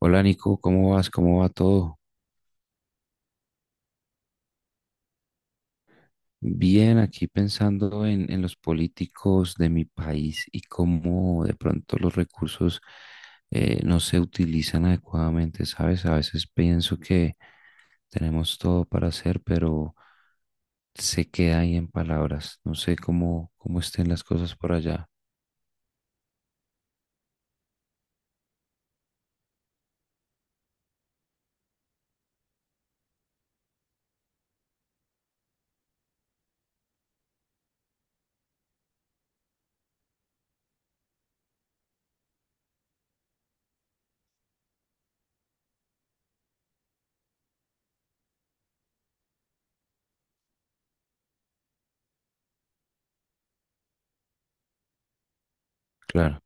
Hola Nico, ¿cómo vas? ¿Cómo va todo? Bien, aquí pensando en los políticos de mi país y cómo de pronto los recursos no se utilizan adecuadamente, ¿sabes? A veces pienso que tenemos todo para hacer, pero se queda ahí en palabras. No sé cómo estén las cosas por allá. Claro.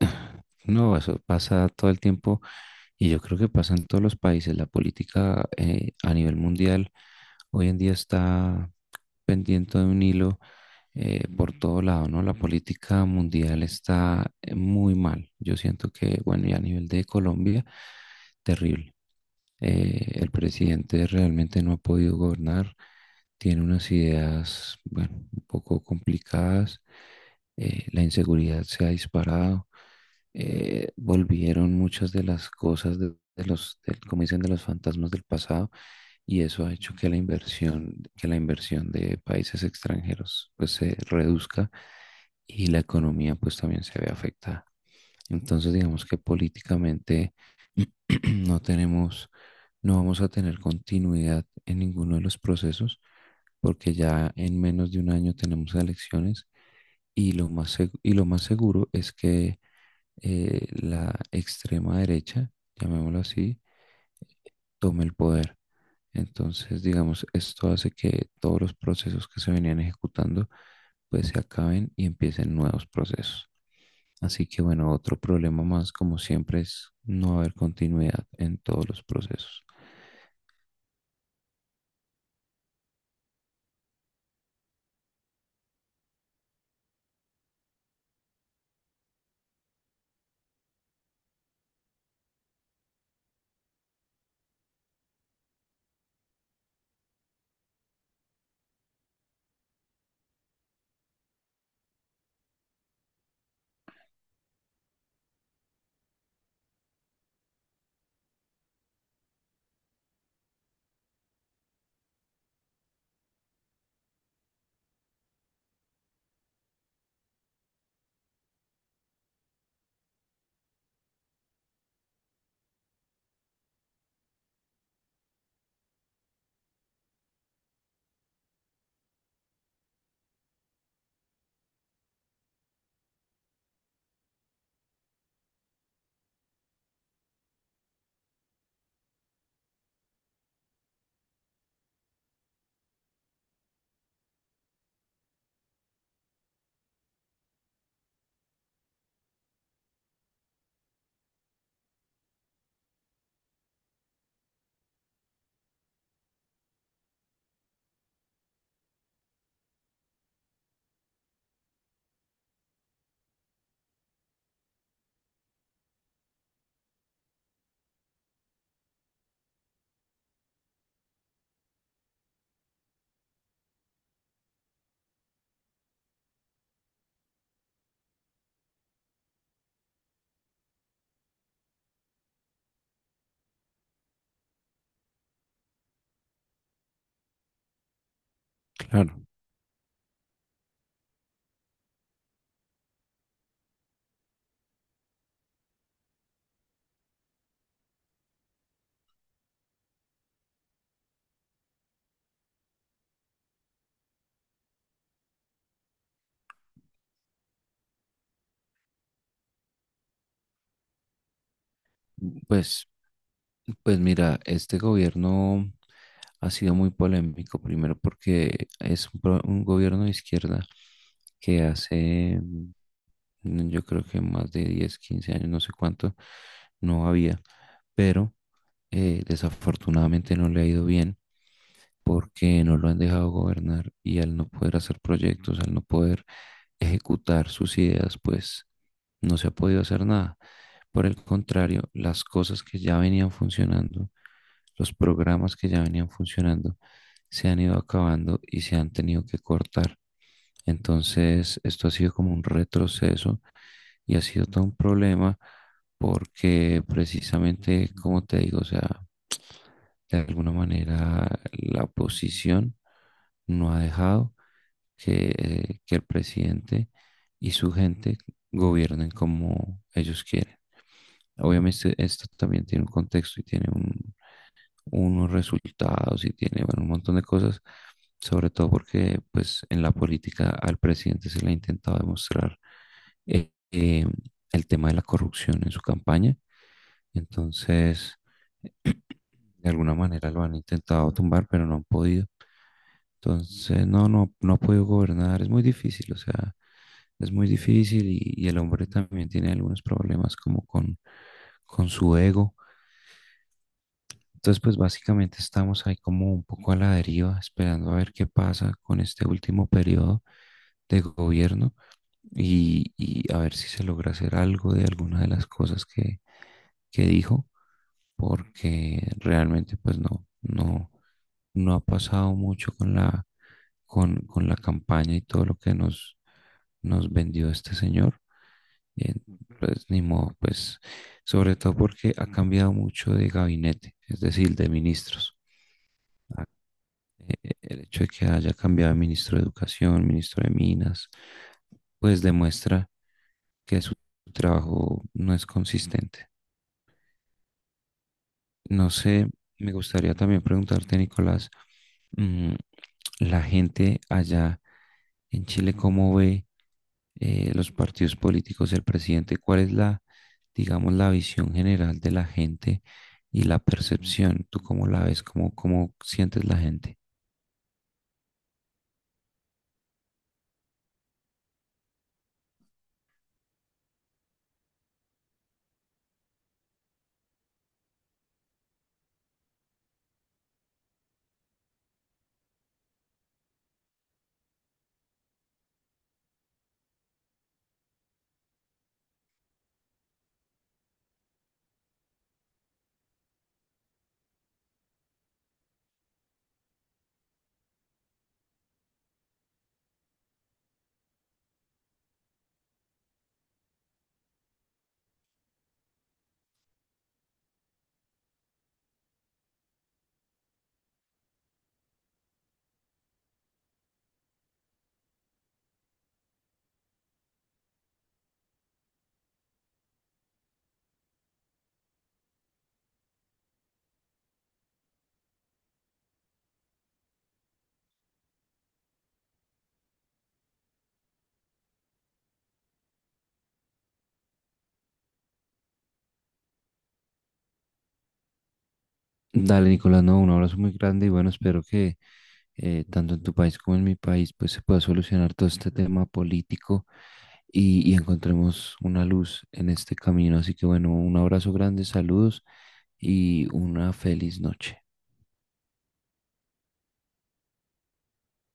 No, eso pasa todo el tiempo. Y yo creo que pasa en todos los países. La política a nivel mundial hoy en día está pendiente de un hilo, por todo lado, ¿no? La política mundial está muy mal. Yo siento que, bueno, y a nivel de Colombia, terrible. El presidente realmente no ha podido gobernar. Tiene unas ideas, bueno, un poco complicadas. La inseguridad se ha disparado. Volvieron muchas de las cosas como dicen, de los fantasmas del pasado, y eso ha hecho que la inversión de países extranjeros pues se reduzca y la economía pues también se ve afectada. Entonces digamos que políticamente no tenemos, no vamos a tener continuidad en ninguno de los procesos porque ya en menos de un año tenemos elecciones, y y lo más seguro es que la extrema derecha, llamémoslo así, tome el poder. Entonces, digamos, esto hace que todos los procesos que se venían ejecutando pues se acaben y empiecen nuevos procesos. Así que bueno, otro problema más, como siempre, es no haber continuidad en todos los procesos. Claro, pues, pues mira, este gobierno ha sido muy polémico, primero porque es un gobierno de izquierda que hace, mm, yo creo que más de 10, 15 años, no sé cuánto, no había, pero desafortunadamente no le ha ido bien porque no lo han dejado gobernar, y al no poder hacer proyectos, al no poder ejecutar sus ideas, pues no se ha podido hacer nada. Por el contrario, las cosas que ya venían funcionando, los programas que ya venían funcionando, se han ido acabando y se han tenido que cortar. Entonces, esto ha sido como un retroceso y ha sido todo un problema porque precisamente, como te digo, o sea, de alguna manera la oposición no ha dejado que el presidente y su gente gobiernen como ellos quieren. Obviamente esto también tiene un contexto y tiene unos resultados y tiene, bueno, un montón de cosas, sobre todo porque pues en la política al presidente se le ha intentado demostrar eh, eh, el tema de la corrupción en su campaña. Entonces, de alguna manera lo han intentado tumbar, pero no han podido. Entonces, no ha podido gobernar, es muy difícil, o sea, es muy difícil, y el hombre también tiene algunos problemas como con su ego. Entonces, pues básicamente estamos ahí como un poco a la deriva, esperando a ver qué pasa con este último periodo de gobierno, y a ver si se logra hacer algo de alguna de las cosas que dijo, porque realmente pues no ha pasado mucho con con la campaña y todo lo que nos vendió este señor. Eh, Pues ni modo, pues sobre todo porque ha cambiado mucho de gabinete, es decir, de ministros. El hecho de que haya cambiado de ministro de Educación, ministro de Minas, pues demuestra que su trabajo no es consistente. No sé, me gustaría también preguntarte, Nicolás, mm, la gente allá en Chile, ¿cómo ve los partidos políticos, el presidente? ¿Cuál es la, digamos, la visión general de la gente y la percepción? ¿Tú cómo la ves? Cómo sientes la gente? Dale, Nicolás, no, un abrazo muy grande y bueno, espero que tanto en tu país como en mi país, pues se pueda solucionar todo este tema político y encontremos una luz en este camino. Así que bueno, un abrazo grande, saludos y una feliz noche.